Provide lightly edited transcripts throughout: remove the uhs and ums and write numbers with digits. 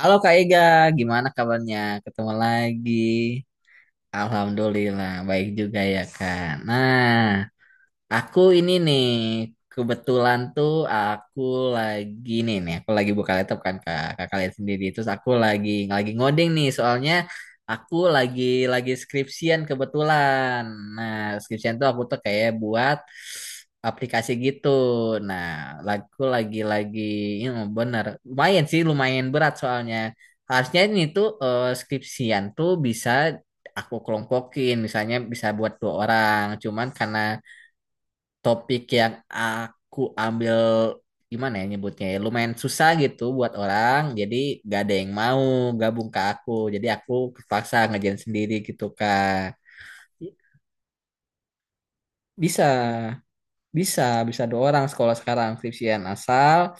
Halo Kak Ega, gimana kabarnya? Ketemu lagi. Alhamdulillah, baik juga ya Kak. Nah, Aku ini nih, kebetulan tuh aku lagi nih nih aku lagi buka laptop kan kak, kakak lihat sendiri. Terus aku lagi ngoding nih, soalnya aku lagi skripsian kebetulan. Nah, skripsian tuh aku tuh kayak buat aplikasi gitu. Nah, aku lagi ini, bener lumayan sih, lumayan berat. Soalnya harusnya ini tuh skripsian tuh bisa aku kelompokin, misalnya bisa buat dua orang, cuman karena topik yang aku ambil, gimana ya nyebutnya ya, lumayan susah gitu buat orang, jadi gak ada yang mau gabung ke aku, jadi aku terpaksa ngerjain sendiri gitu kak. Bisa bisa bisa dua orang sekolah sekarang skripsian asal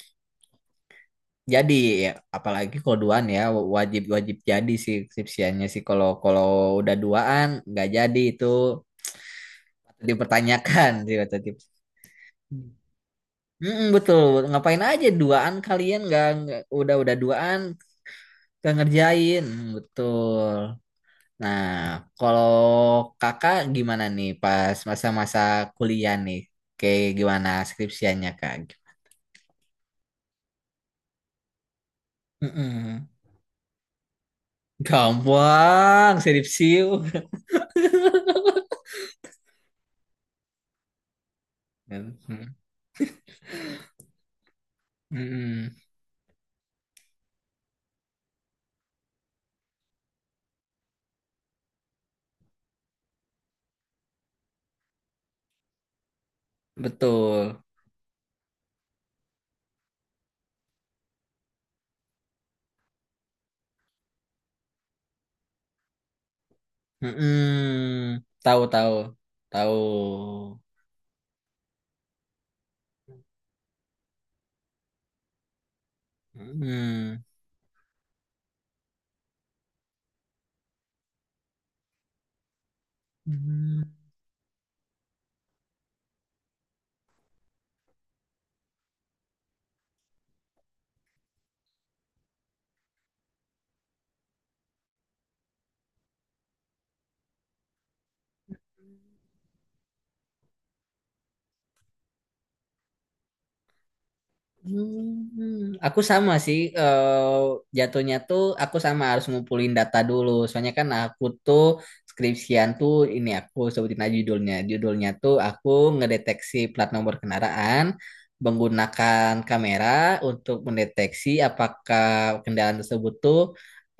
jadi ya, apalagi kalau duaan ya wajib wajib jadi sih skripsiannya sih. Kalau kalau udah duaan nggak jadi itu dipertanyakan sih kata dia. Mm-mm, betul. Ngapain aja duaan kalian udah duaan nggak ngerjain. Betul. Nah, kalau kakak gimana nih pas masa-masa kuliah nih? Kayak gimana skripsiannya kak? Mm-mm. Gampang, sirip siu. Mm-mm. Mm-mm. Betul. Mm-mm. Tahu tahu tahu. Mm-mm. Aku sama sih, jatuhnya tuh aku sama harus ngumpulin data dulu. Soalnya kan aku tuh skripsian tuh, ini aku sebutin aja judulnya. Judulnya tuh aku ngedeteksi plat nomor kendaraan menggunakan kamera untuk mendeteksi apakah kendaraan tersebut tuh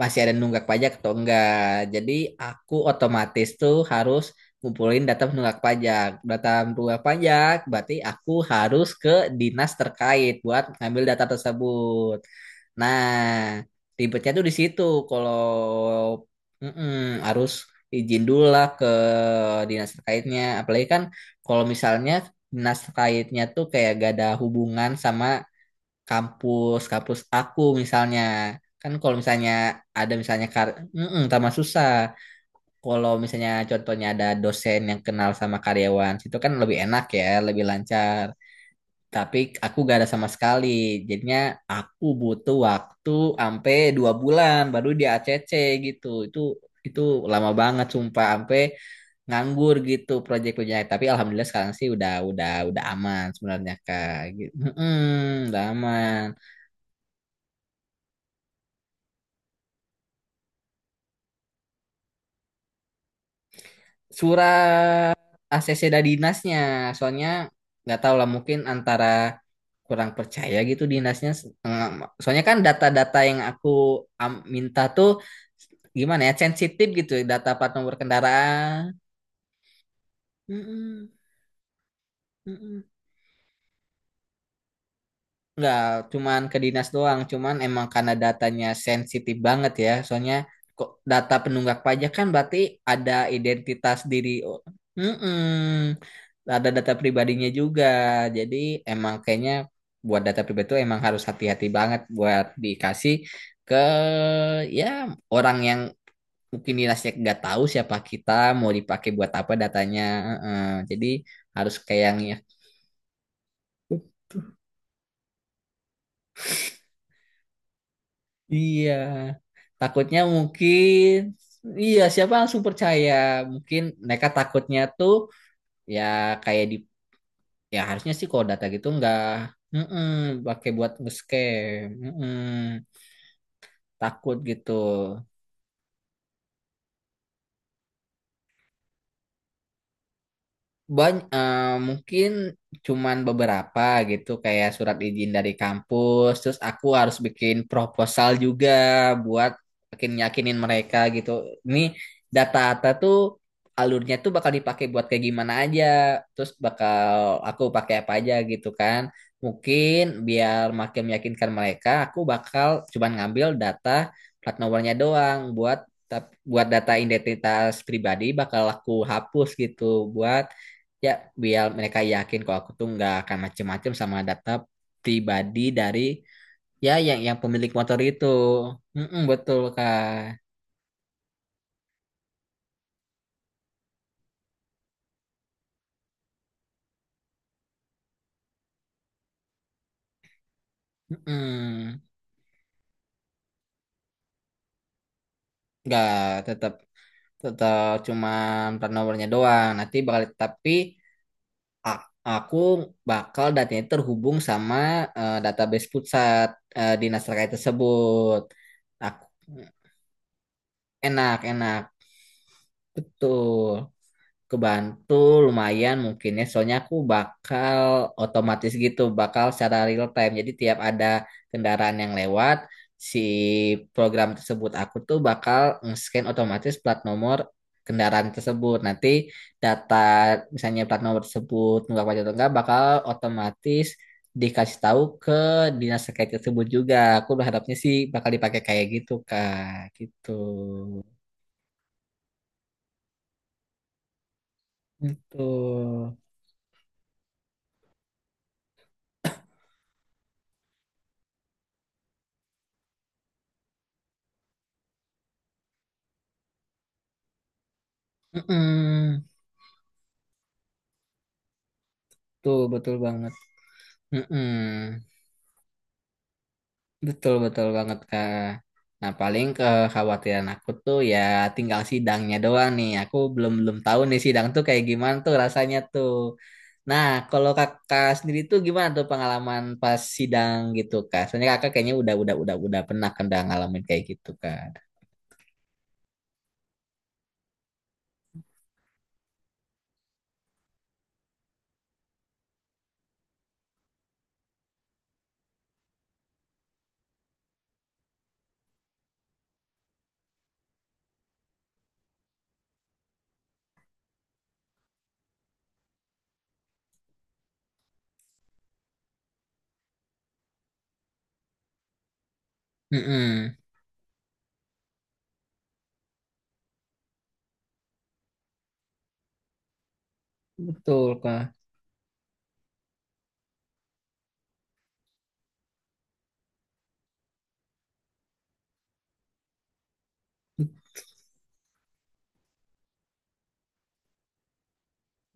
masih ada nunggak pajak atau enggak. Jadi aku otomatis tuh harus ngumpulin data penunggak pajak. Data penunggak pajak berarti aku harus ke dinas terkait buat ngambil data tersebut. Nah, ribetnya tuh di situ. Kalau mm-mm, harus izin dulu lah ke dinas terkaitnya. Apalagi kan kalau misalnya dinas terkaitnya tuh kayak gak ada hubungan sama kampus kampus aku misalnya. Kan kalau misalnya ada misalnya mm-mm, tambah susah. Kalau misalnya contohnya ada dosen yang kenal sama karyawan, itu kan lebih enak ya, lebih lancar. Tapi aku gak ada sama sekali. Jadinya aku butuh waktu sampai 2 bulan baru dia ACC gitu. Itu lama banget sumpah, sampai nganggur gitu proyek-proyeknya. Tapi alhamdulillah sekarang sih udah udah aman sebenarnya Kak. Gitu. Mm-mm, udah aman. Surat ACC dari dinasnya. Soalnya nggak tahu lah, mungkin antara kurang percaya gitu dinasnya. Eh, Soalnya kan data-data yang aku minta tuh, gimana ya, sensitif gitu data plat nomor kendaraan. Mm-mm, mm-mm. Nggak, cuman ke dinas doang. Cuman emang karena datanya sensitif banget ya. Soalnya kok data penunggak pajak kan berarti ada identitas diri. Mm. Ada data pribadinya juga. Jadi emang kayaknya buat data pribadi itu emang harus hati-hati banget buat dikasih ke, ya, orang yang mungkin dinasnya nggak tahu siapa kita, mau dipakai buat apa datanya. Mm-mm. Jadi harus kayaknya. Iya, takutnya mungkin, iya siapa langsung percaya? Mungkin mereka takutnya tuh, ya kayak di, ya harusnya sih kalau data gitu nggak, mm-mm, pakai buat nge-scam, mm-mm, takut gitu. Banyak, mungkin cuman beberapa gitu, kayak surat izin dari kampus. Terus aku harus bikin proposal juga buat makin yakinin mereka gitu. Ini data-data tuh alurnya tuh bakal dipakai buat kayak gimana aja. Terus bakal aku pakai apa aja gitu kan. Mungkin biar makin meyakinkan mereka, aku bakal cuman ngambil data plat nomornya doang. Buat buat data identitas pribadi bakal aku hapus gitu, buat, ya, biar mereka yakin kalau aku tuh nggak akan macem-macem sama data pribadi dari, ya, yang pemilik motor itu. Mm-mm, betul kak. Mm-mm. Nggak, tetap tetap cuman plat nomornya doang nanti, bakal, tapi a- aku bakal datanya terhubung sama database pusat dinas terkait tersebut. Aku enak enak betul, kebantu lumayan mungkin ya. Soalnya aku bakal otomatis gitu, bakal secara real time, jadi tiap ada kendaraan yang lewat, si program tersebut aku tuh bakal nge-scan otomatis plat nomor kendaraan tersebut. Nanti data, misalnya plat nomor tersebut nunggak pajak atau enggak, bakal otomatis dikasih tahu ke dinas terkait tersebut juga. Aku berharapnya sih bakal dipakai kayak gitu kak, gitu. Gitu. Mm-mm. Tuh, betul banget. Mm-mm. Betul, betul banget, Kak. Nah, paling kekhawatiran aku tuh ya tinggal sidangnya doang nih. Aku belum belum tahu nih sidang tuh kayak gimana tuh rasanya tuh. Nah, kalau kakak sendiri tuh gimana tuh pengalaman pas sidang gitu, Kak? Soalnya kakak kayaknya udah pernah kan, udah ngalamin kayak gitu, Kak. Mm-mm. Betul, Kak.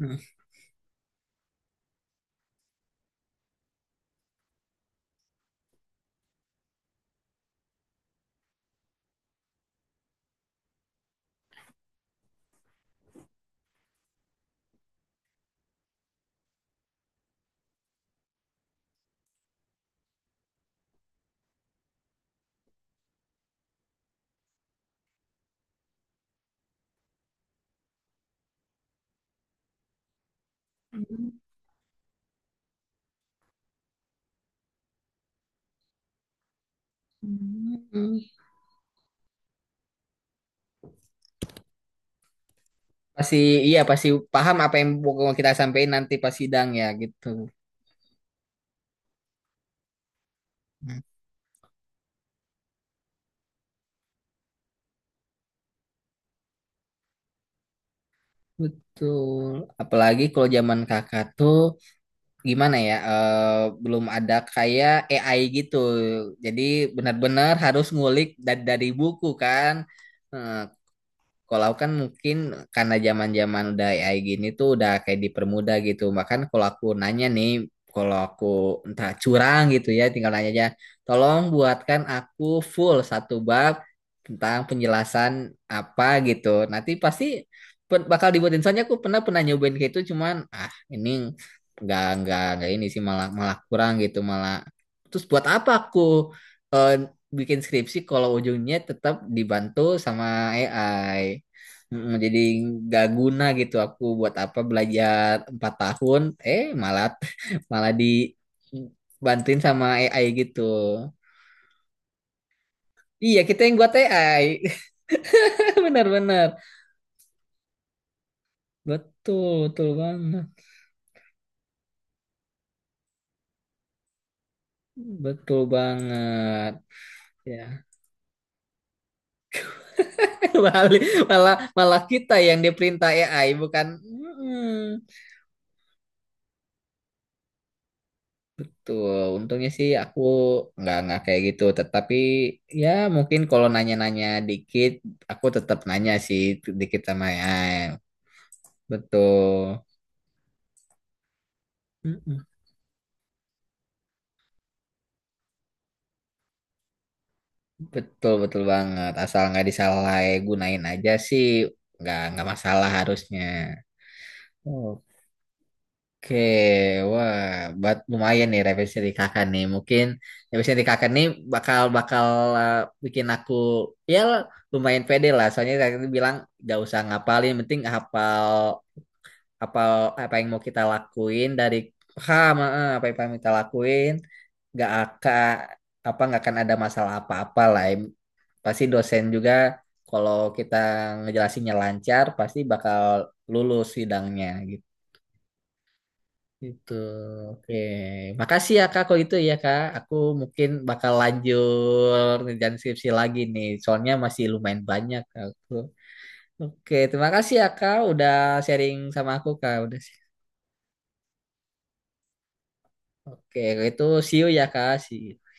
Mm. Hmm. Pasti, iya pasti paham apa yang mau kita sampaikan nanti pas sidang ya gitu. Betul. Apalagi kalau zaman kakak tuh gimana ya? Belum ada kayak AI gitu. Jadi benar-benar harus ngulik dari buku kan. Eh, Kalau aku kan mungkin karena zaman-zaman udah AI gini tuh udah kayak dipermudah gitu. Bahkan kalau aku nanya nih, kalau aku entah curang gitu ya, tinggal nanya aja, tolong buatkan aku full satu bab tentang penjelasan apa gitu. Nanti pasti bakal dibuatin. Soalnya aku pernah pernah nyobain kayak itu, cuman ah ini nggak ini sih malah malah kurang gitu malah. Terus buat apa aku? eh, Bikin skripsi kalau ujungnya tetap dibantu sama AI. Mm, jadi gak guna gitu aku buat apa belajar 4 tahun, eh malah malah dibantuin sama AI gitu. Iya kita yang buat AI, benar-benar betul betul banget, betul banget. Ya. Malah malah malah kita yang diperintah AI bukan. Mm-mm. Betul, untungnya sih aku nggak kayak gitu. Tetapi ya mungkin kalau nanya-nanya dikit, aku tetap nanya sih dikit sama ya. Betul. Mm-mm. betul betul banget. Asal nggak disalahgunain aja sih, nggak masalah harusnya. Oke, wah, buat lumayan nih revisi dari kakak nih. Mungkin revisi dari kakak nih bakal bakal eh, bikin aku, ya, lumayan pede lah. Soalnya tadi bilang gak usah ngapalin, penting hafal hafal apa yang mau kita lakuin dari paham, apa yang pengen kita lakuin. Gak akan nggak akan ada masalah apa-apa lah. Pasti dosen juga kalau kita ngejelasinnya lancar pasti bakal lulus sidangnya. Gitu. Oke. Makasih ya Kak kalau itu ya Kak. Aku mungkin bakal lanjut ngerjain skripsi lagi nih. Soalnya masih lumayan banyak aku. Oke, terima kasih ya Kak udah sharing sama aku Kak. Udah. Oke, kalau itu see you ya Kak. See you.